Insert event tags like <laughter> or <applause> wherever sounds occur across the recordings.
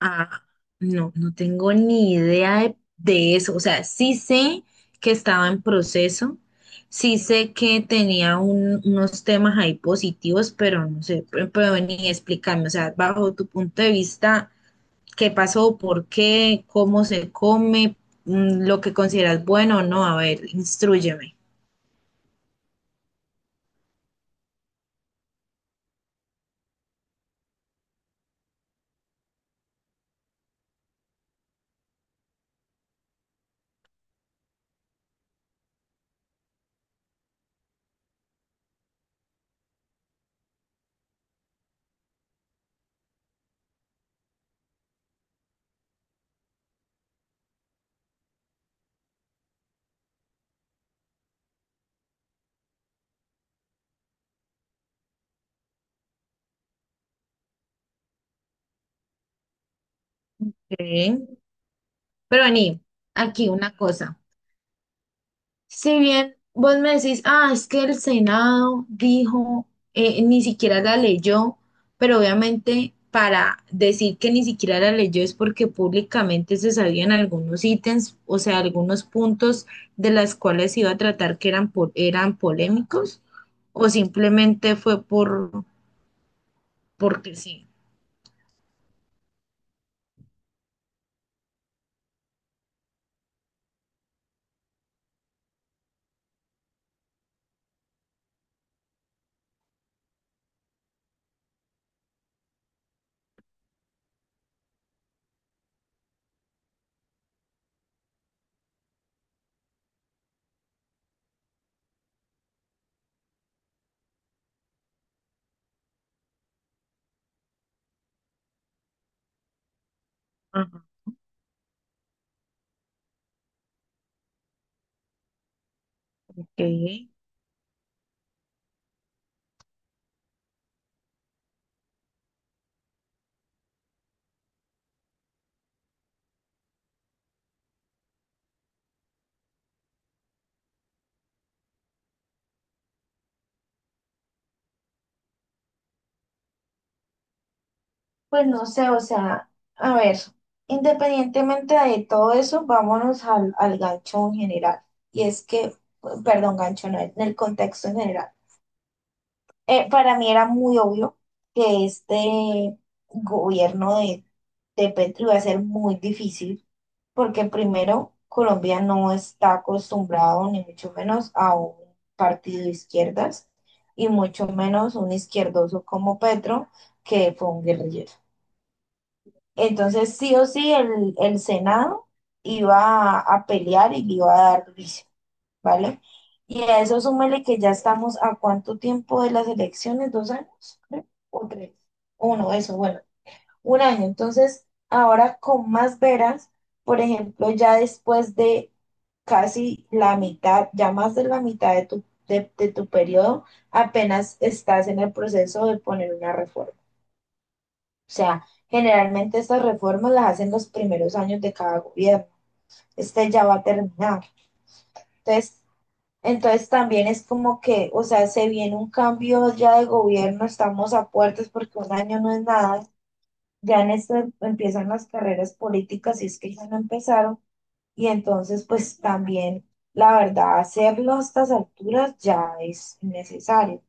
Ah, no, no tengo ni idea de eso. O sea, sí sé que estaba en proceso, sí sé que tenía unos temas ahí positivos, pero no sé, pero ni explicarme. O sea, bajo tu punto de vista, ¿qué pasó? ¿Por qué? ¿Cómo se come? ¿Lo que consideras bueno o no? A ver, instrúyeme. Ok. Pero vení, aquí una cosa. Si bien vos me decís, ah, es que el Senado dijo, ni siquiera la leyó, pero obviamente para decir que ni siquiera la leyó es porque públicamente se sabían algunos ítems, o sea, algunos puntos de las cuales se iba a tratar que eran, eran polémicos, o simplemente fue por, porque sí. Ajá, ok. Pues no sé, o sea, a ver, independientemente de todo eso, vámonos al gancho en general. Y es que, perdón, gancho, no, en el contexto en general. Para mí era muy obvio que este gobierno de Petro iba a ser muy difícil, porque primero, Colombia no está acostumbrado, ni mucho menos, a un partido de izquierdas, y mucho menos un izquierdoso como Petro, que fue un guerrillero. Entonces, sí o sí, el Senado iba a pelear y le iba a dar juicio, ¿vale? Y a eso súmele que ya estamos a cuánto tiempo de las elecciones, 2 años, creo, o tres, uno, eso, bueno, 1 año. Entonces, ahora con más veras, por ejemplo, ya después de casi la mitad, ya más de la mitad de tu, de tu periodo, apenas estás en el proceso de poner una reforma. O sea, generalmente estas reformas las hacen los primeros años de cada gobierno. Este ya va a terminar. Entonces, entonces, también es como que, o sea, se viene un cambio ya de gobierno, estamos a puertas porque 1 año no es nada. Ya en esto empiezan las carreras políticas, si es que ya no empezaron. Y entonces, pues también, la verdad, hacerlo a estas alturas ya es necesario.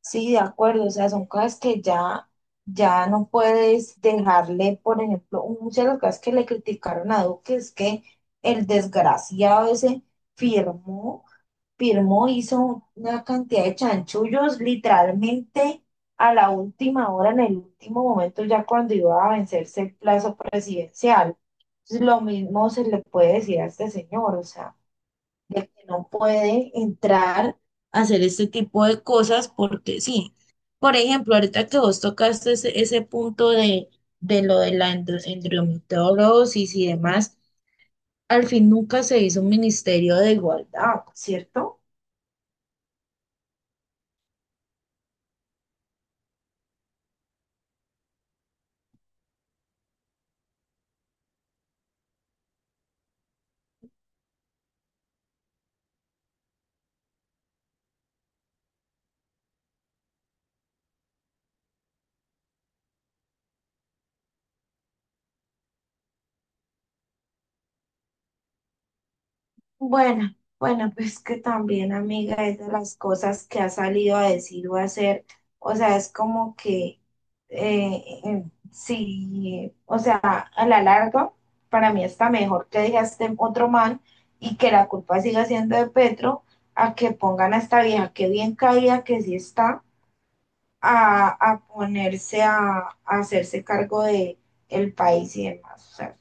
Sí, de acuerdo, o sea, son cosas ya no puedes dejarle, por ejemplo, muchas de las cosas que le criticaron a Duque es que el desgraciado ese firmó, firmó, hizo una cantidad de chanchullos literalmente a la última hora, en el último momento, ya cuando iba a vencerse el plazo presidencial. Entonces, lo mismo se le puede decir a este señor, o sea de que no puede entrar a hacer este tipo de cosas porque sí. Por ejemplo, ahorita que vos tocaste ese punto de lo de la endometriosis y demás, al fin nunca se hizo un ministerio de igualdad, ¿cierto? Bueno, pues que también, amiga, es de las cosas que ha salido a decir o a hacer, o sea, es como que eh, eh, sí, a la larga, para mí está mejor que deje a este otro man y que la culpa siga siendo de Petro, a que pongan a esta vieja que bien caída, que sí está, a ponerse a hacerse cargo de el país y demás. O sea,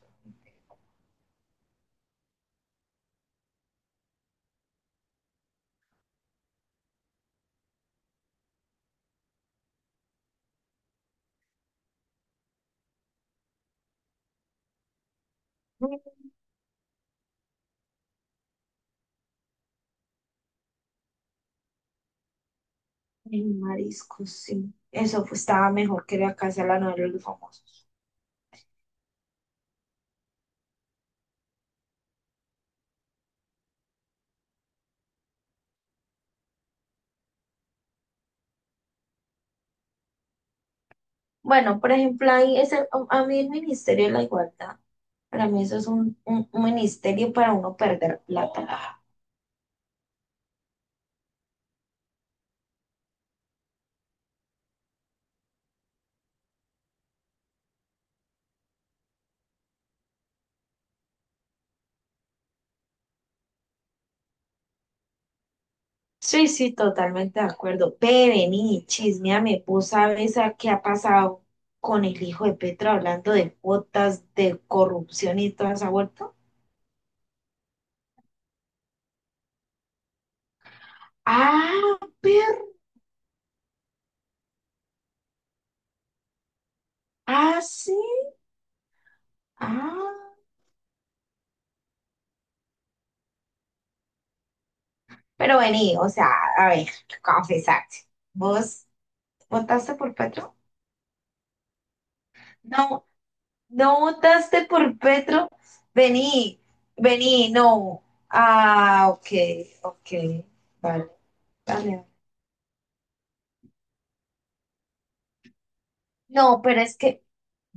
el marisco sí. Eso pues, estaba mejor que la casa de la novela de los famosos. Bueno, por ejemplo, a mí el Ministerio de la Igualdad. Para mí eso es un ministerio para uno perder plata. Sí, sí, totalmente de acuerdo. Ve, vení, chismeame, vos sabes a qué ha pasado con el hijo de Petro hablando de cuotas, de corrupción y toda esa vuelta. Ah, pero, ah, sí, ah. Pero vení, o sea, a ver, confesate. Vos ¿votaste por Petro? No, no votaste por Petro. Vení, vení, no. Ah, ok, ok, vale, vale. No,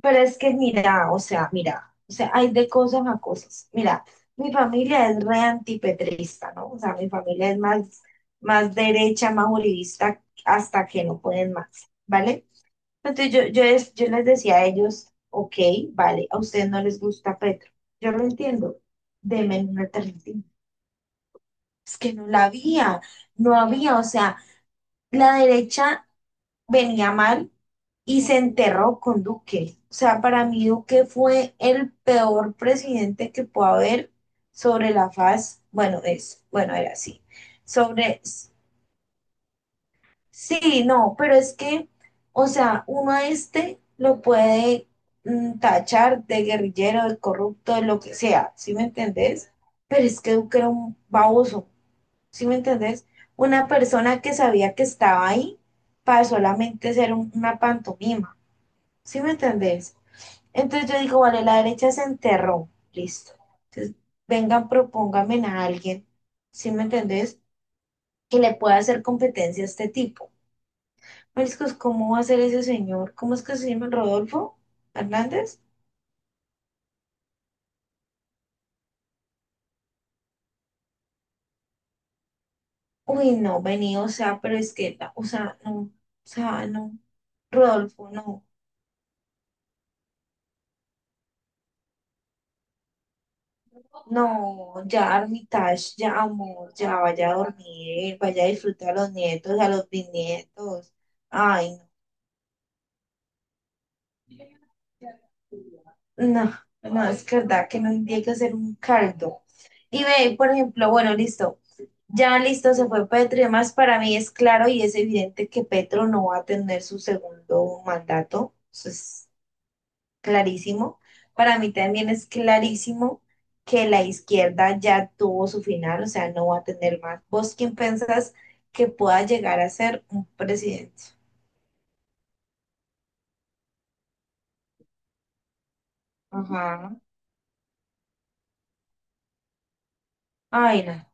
pero es que mira, o sea, hay de cosas a cosas. Mira, mi familia es re antipetrista, ¿no? O sea, mi familia es más, más derecha, más uribista, hasta que no pueden más, ¿vale? Entonces yo les decía a ellos, ok, vale, a ustedes no les gusta Petro. Yo lo entiendo, denme una alternativa. Es que no la había, no había, o sea, la derecha venía mal y se enterró con Duque. O sea, para mí Duque fue el peor presidente que pueda haber sobre la faz, bueno, es, bueno, era así, sobre sí, no, pero es que, o sea, uno a este lo puede tachar de guerrillero, de corrupto, de lo que sea, ¿sí me entendés? Pero es que Duque era un baboso, ¿sí me entendés? Una persona que sabía que estaba ahí para solamente ser una pantomima, ¿sí me entendés? Entonces yo digo, vale, la derecha se enterró, listo. Entonces, vengan, propónganme a alguien, ¿sí me entendés? Que le pueda hacer competencia a este tipo. Mariscos, ¿cómo va a ser ese señor? ¿Cómo es que se llama Rodolfo Hernández? Uy, no, vení, o sea, pero es que, o sea, no, Rodolfo, no, no, ya Armitage, ya amor, ya vaya a dormir, vaya a disfrutar a los nietos, a los bisnietos. Ay, no, no, no, es verdad que no hay que hacer un caldo. Y ve, por ejemplo, bueno, listo. Ya listo, se fue Petro y demás. Para mí es claro y es evidente que Petro no va a tener su segundo mandato. Eso es clarísimo. Para mí también es clarísimo que la izquierda ya tuvo su final, o sea, no va a tener más. ¿Vos quién pensás que pueda llegar a ser un presidente? Ajá. Ay, no.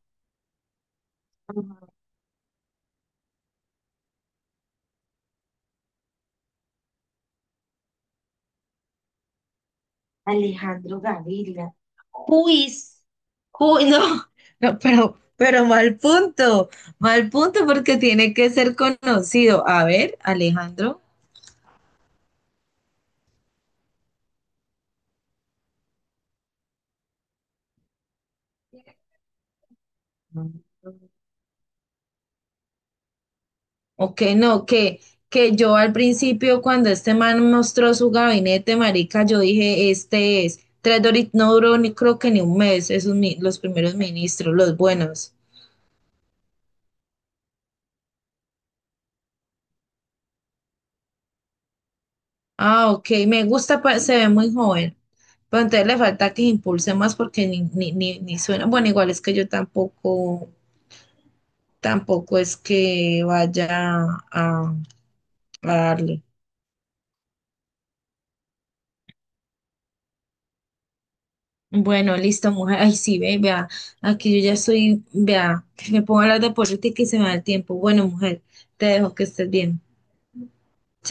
Ajá. Alejandro Gaviria. Juiz, ju- <laughs> no, no, pero mal punto porque tiene que ser conocido. A ver, Alejandro, o que no, que yo al principio cuando este man mostró su gabinete, marica, yo dije, este es, tres Doritos, no duró ni creo que ni un mes, esos los primeros ministros, los buenos. Ah, ok, me gusta, se ve muy joven, pero entonces le falta que impulse más porque ni suena, bueno, igual es que yo tampoco. Tampoco es que vaya a, a darle. Bueno, listo, mujer. Ay, sí, ve, vea. Aquí yo ya estoy, vea. Me pongo a hablar de política y se me da el tiempo. Bueno, mujer, te dejo que estés bien.